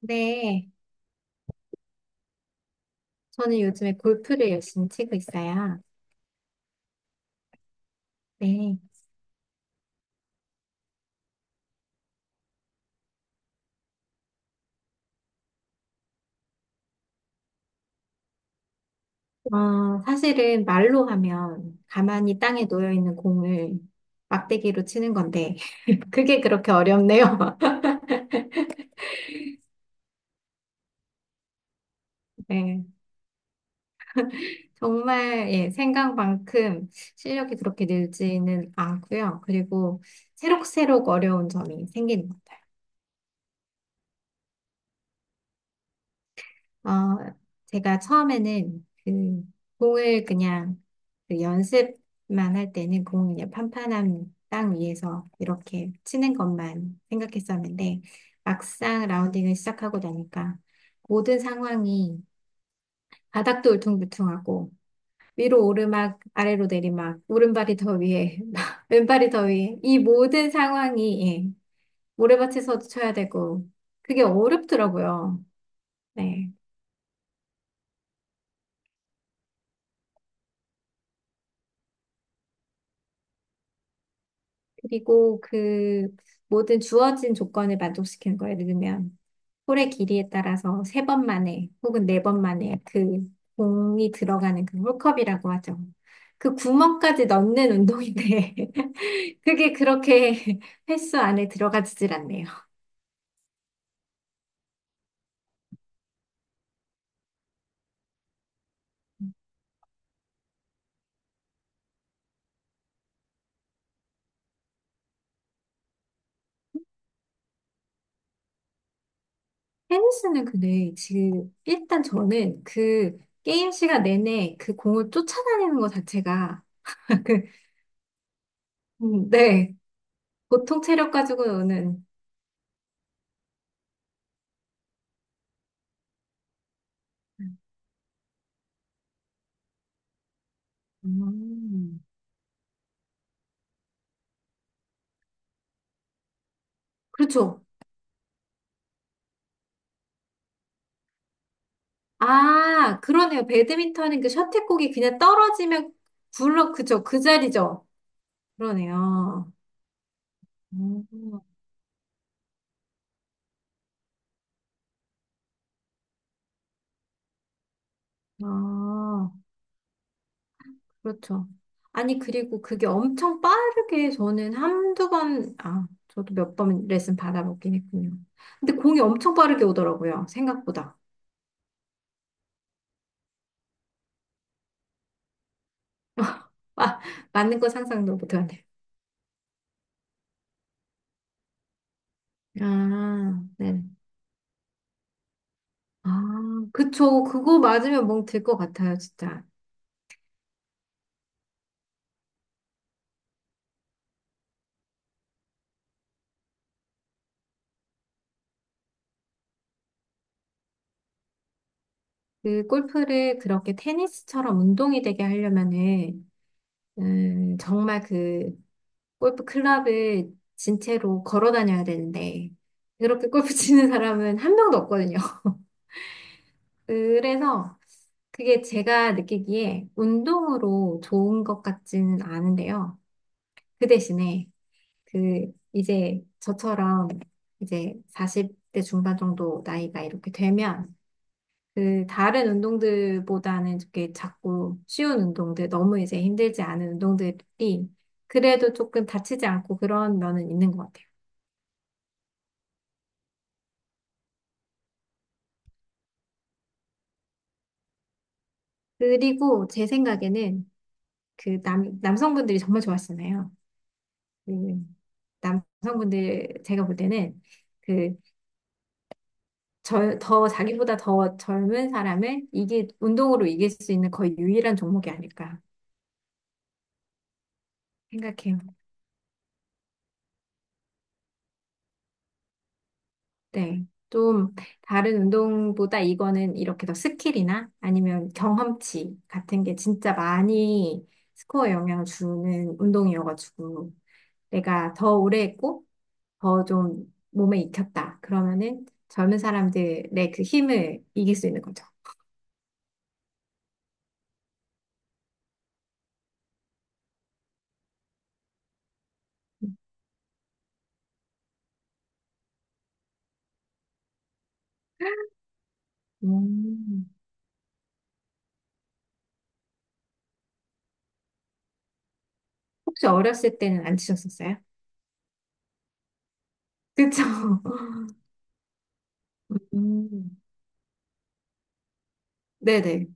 네, 저는 요즘에 골프를 열심히 치고 있어요. 네, 사실은 말로 하면 가만히 땅에 놓여 있는 공을 막대기로 치는 건데, 그게 그렇게 어렵네요. 네, 정말, 예, 생각만큼 실력이 그렇게 늘지는 않고요. 그리고 새록새록 어려운 점이 생기는 것 같아요. 어, 제가 처음에는 그 공을 그냥 그 연습만 할 때는 공을 그냥 판판한 땅 위에서 이렇게 치는 것만 생각했었는데 막상 라운딩을 시작하고 나니까 모든 상황이 바닥도 울퉁불퉁하고 위로 오르막 아래로 내리막 오른발이 더 위에 왼발이 더 위에 이 모든 상황이 예, 모래밭에서도 쳐야 되고 그게 어렵더라고요. 네. 그리고 그 모든 주어진 조건을 만족시키는 거예요. 예를 들면 홀의 길이에 따라서 세 번 만에 혹은 네 번 만에 그 공이 들어가는 그 홀컵이라고 하죠. 그 구멍까지 넣는 운동인데 그게 그렇게 횟수 안에 들어가지질 않네요. 테니스는 근데 지금 일단 저는 그 게임 시간 내내 그 공을 쫓아다니는 것 자체가 그, 네. 보통 체력 가지고는 음, 그렇죠. 아, 그러네요. 배드민턴은 그 셔틀콕이 그냥 떨어지면 그죠? 그 자리죠? 그러네요. 음, 아, 그렇죠. 아니, 그리고 그게 엄청 빠르게 저는 한두 번, 아, 저도 몇 번 레슨 받아보긴 했군요. 근데 공이 엄청 빠르게 오더라고요. 생각보다. 아, 맞는 거 상상도 못하네요. 아, 네. 아, 그쵸. 그거 맞으면 멍 들 것 같아요, 진짜. 그 골프를 그렇게 테니스처럼 운동이 되게 하려면은 정말 그 골프 클럽을 진채로 걸어 다녀야 되는데 그렇게 골프 치는 사람은 한 명도 없거든요. 그래서 그게 제가 느끼기에 운동으로 좋은 것 같지는 않은데요. 그 대신에 그 이제 저처럼 이제 40대 중반 정도 나이가 이렇게 되면 그 다른 운동들보다는 이렇게 작고 쉬운 운동들, 너무 이제 힘들지 않은 운동들이 그래도 조금 다치지 않고 그런 면은 있는 것 같아요. 그리고 제 생각에는 그 남성분들이 정말 좋아하시잖아요. 그 남성분들 제가 볼 때는 그 더 자기보다 더 젊은 사람을 이게 운동으로 이길 수 있는 거의 유일한 종목이 아닐까 생각해요. 네. 좀 다른 운동보다 이거는 이렇게 더 스킬이나 아니면 경험치 같은 게 진짜 많이 스코어에 영향을 주는 운동이어가지고 내가 더 오래 했고 더 좀 몸에 익혔다. 그러면은 젊은 사람들의 그 힘을 이길 수 있는 거죠. 음. 혹시 어렸을 때는 안 치셨었어요? 그쵸? 음. 네네.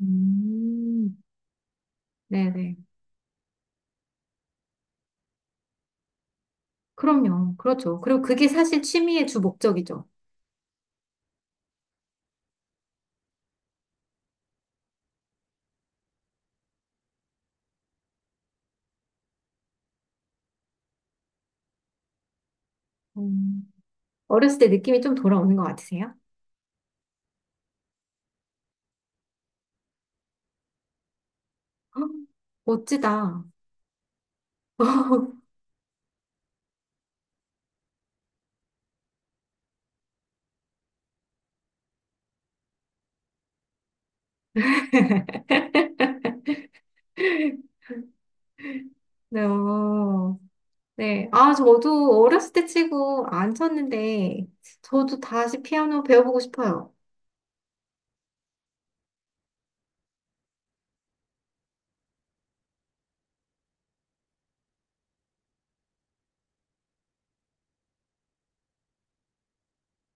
음. 네네. 그럼요. 그렇죠. 그리고 그게 사실 취미의 주 목적이죠. 음, 어렸을 때 느낌이 좀 돌아오는 것 같으세요? 헉, 멋지다. 네. 어, 네. 아, 저도 어렸을 때 치고 안 쳤는데, 저도 다시 피아노 배워보고 싶어요.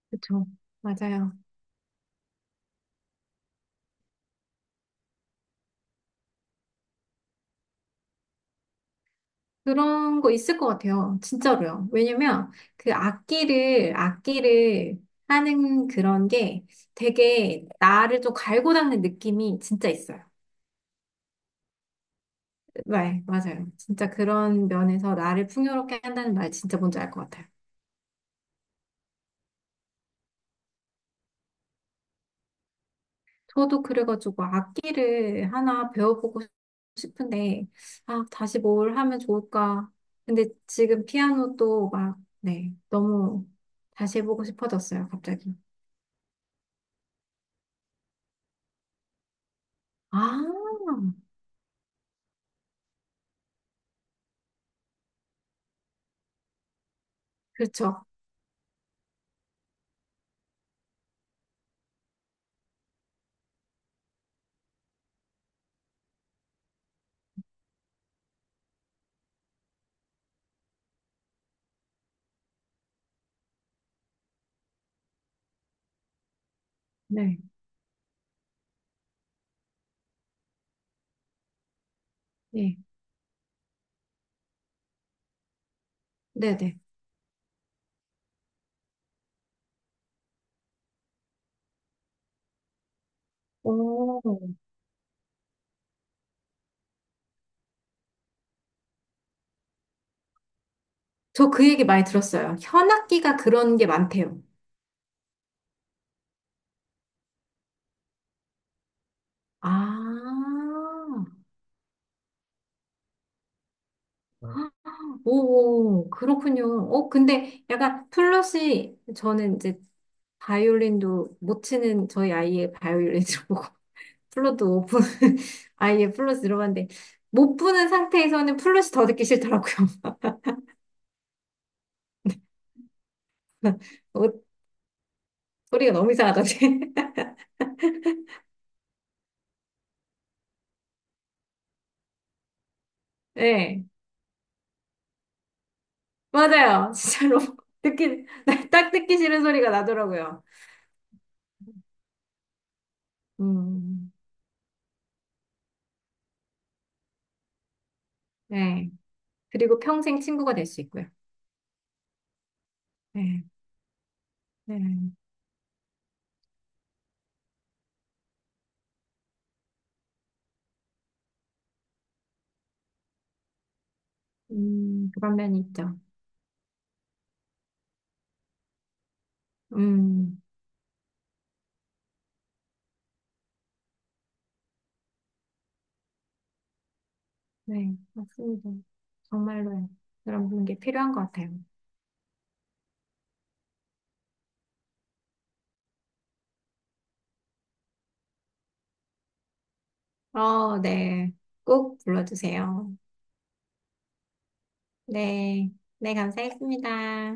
그렇죠. 맞아요. 그런 거 있을 것 같아요. 진짜로요. 왜냐면 그 악기를 하는 그런 게 되게 나를 좀 갈고 닦는 느낌이 진짜 있어요. 네, 맞아요. 진짜 그런 면에서 나를 풍요롭게 한다는 말 진짜 뭔지 알 것 같아요. 저도 그래가지고 악기를 하나 배워보고 싶은데, 아, 다시 뭘 하면 좋을까. 근데 지금 피아노도 막, 네, 너무 다시 해보고 싶어졌어요, 갑자기. 아, 그렇죠. 네, 네, 네네. 오, 저 그 얘기 많이 들었어요. 현악기가 그런 게 많대요. 아, 아, 오, 그렇군요. 근데 약간 플러시, 저는 이제 바이올린도 못 치는 저희 아이의 바이올린 보고 플러도 못 부는 아이의 플러스 들어봤는데 못 부는 상태에서는 플러시 더 듣기 싫더라고요. 어, 소리가 너무 이상하던데. 네, 맞아요. 진짜로 듣기 딱 듣기 싫은 소리가 나더라고요. 음, 네. 그리고 평생 친구가 될 수 있고요. 네, 네. 그런 면이 있죠. 음. 네, 맞습니다. 정말로 그런 분께 필요한 것 같아요. 어, 네. 꼭 불러주세요. 네. 네, 감사했습니다.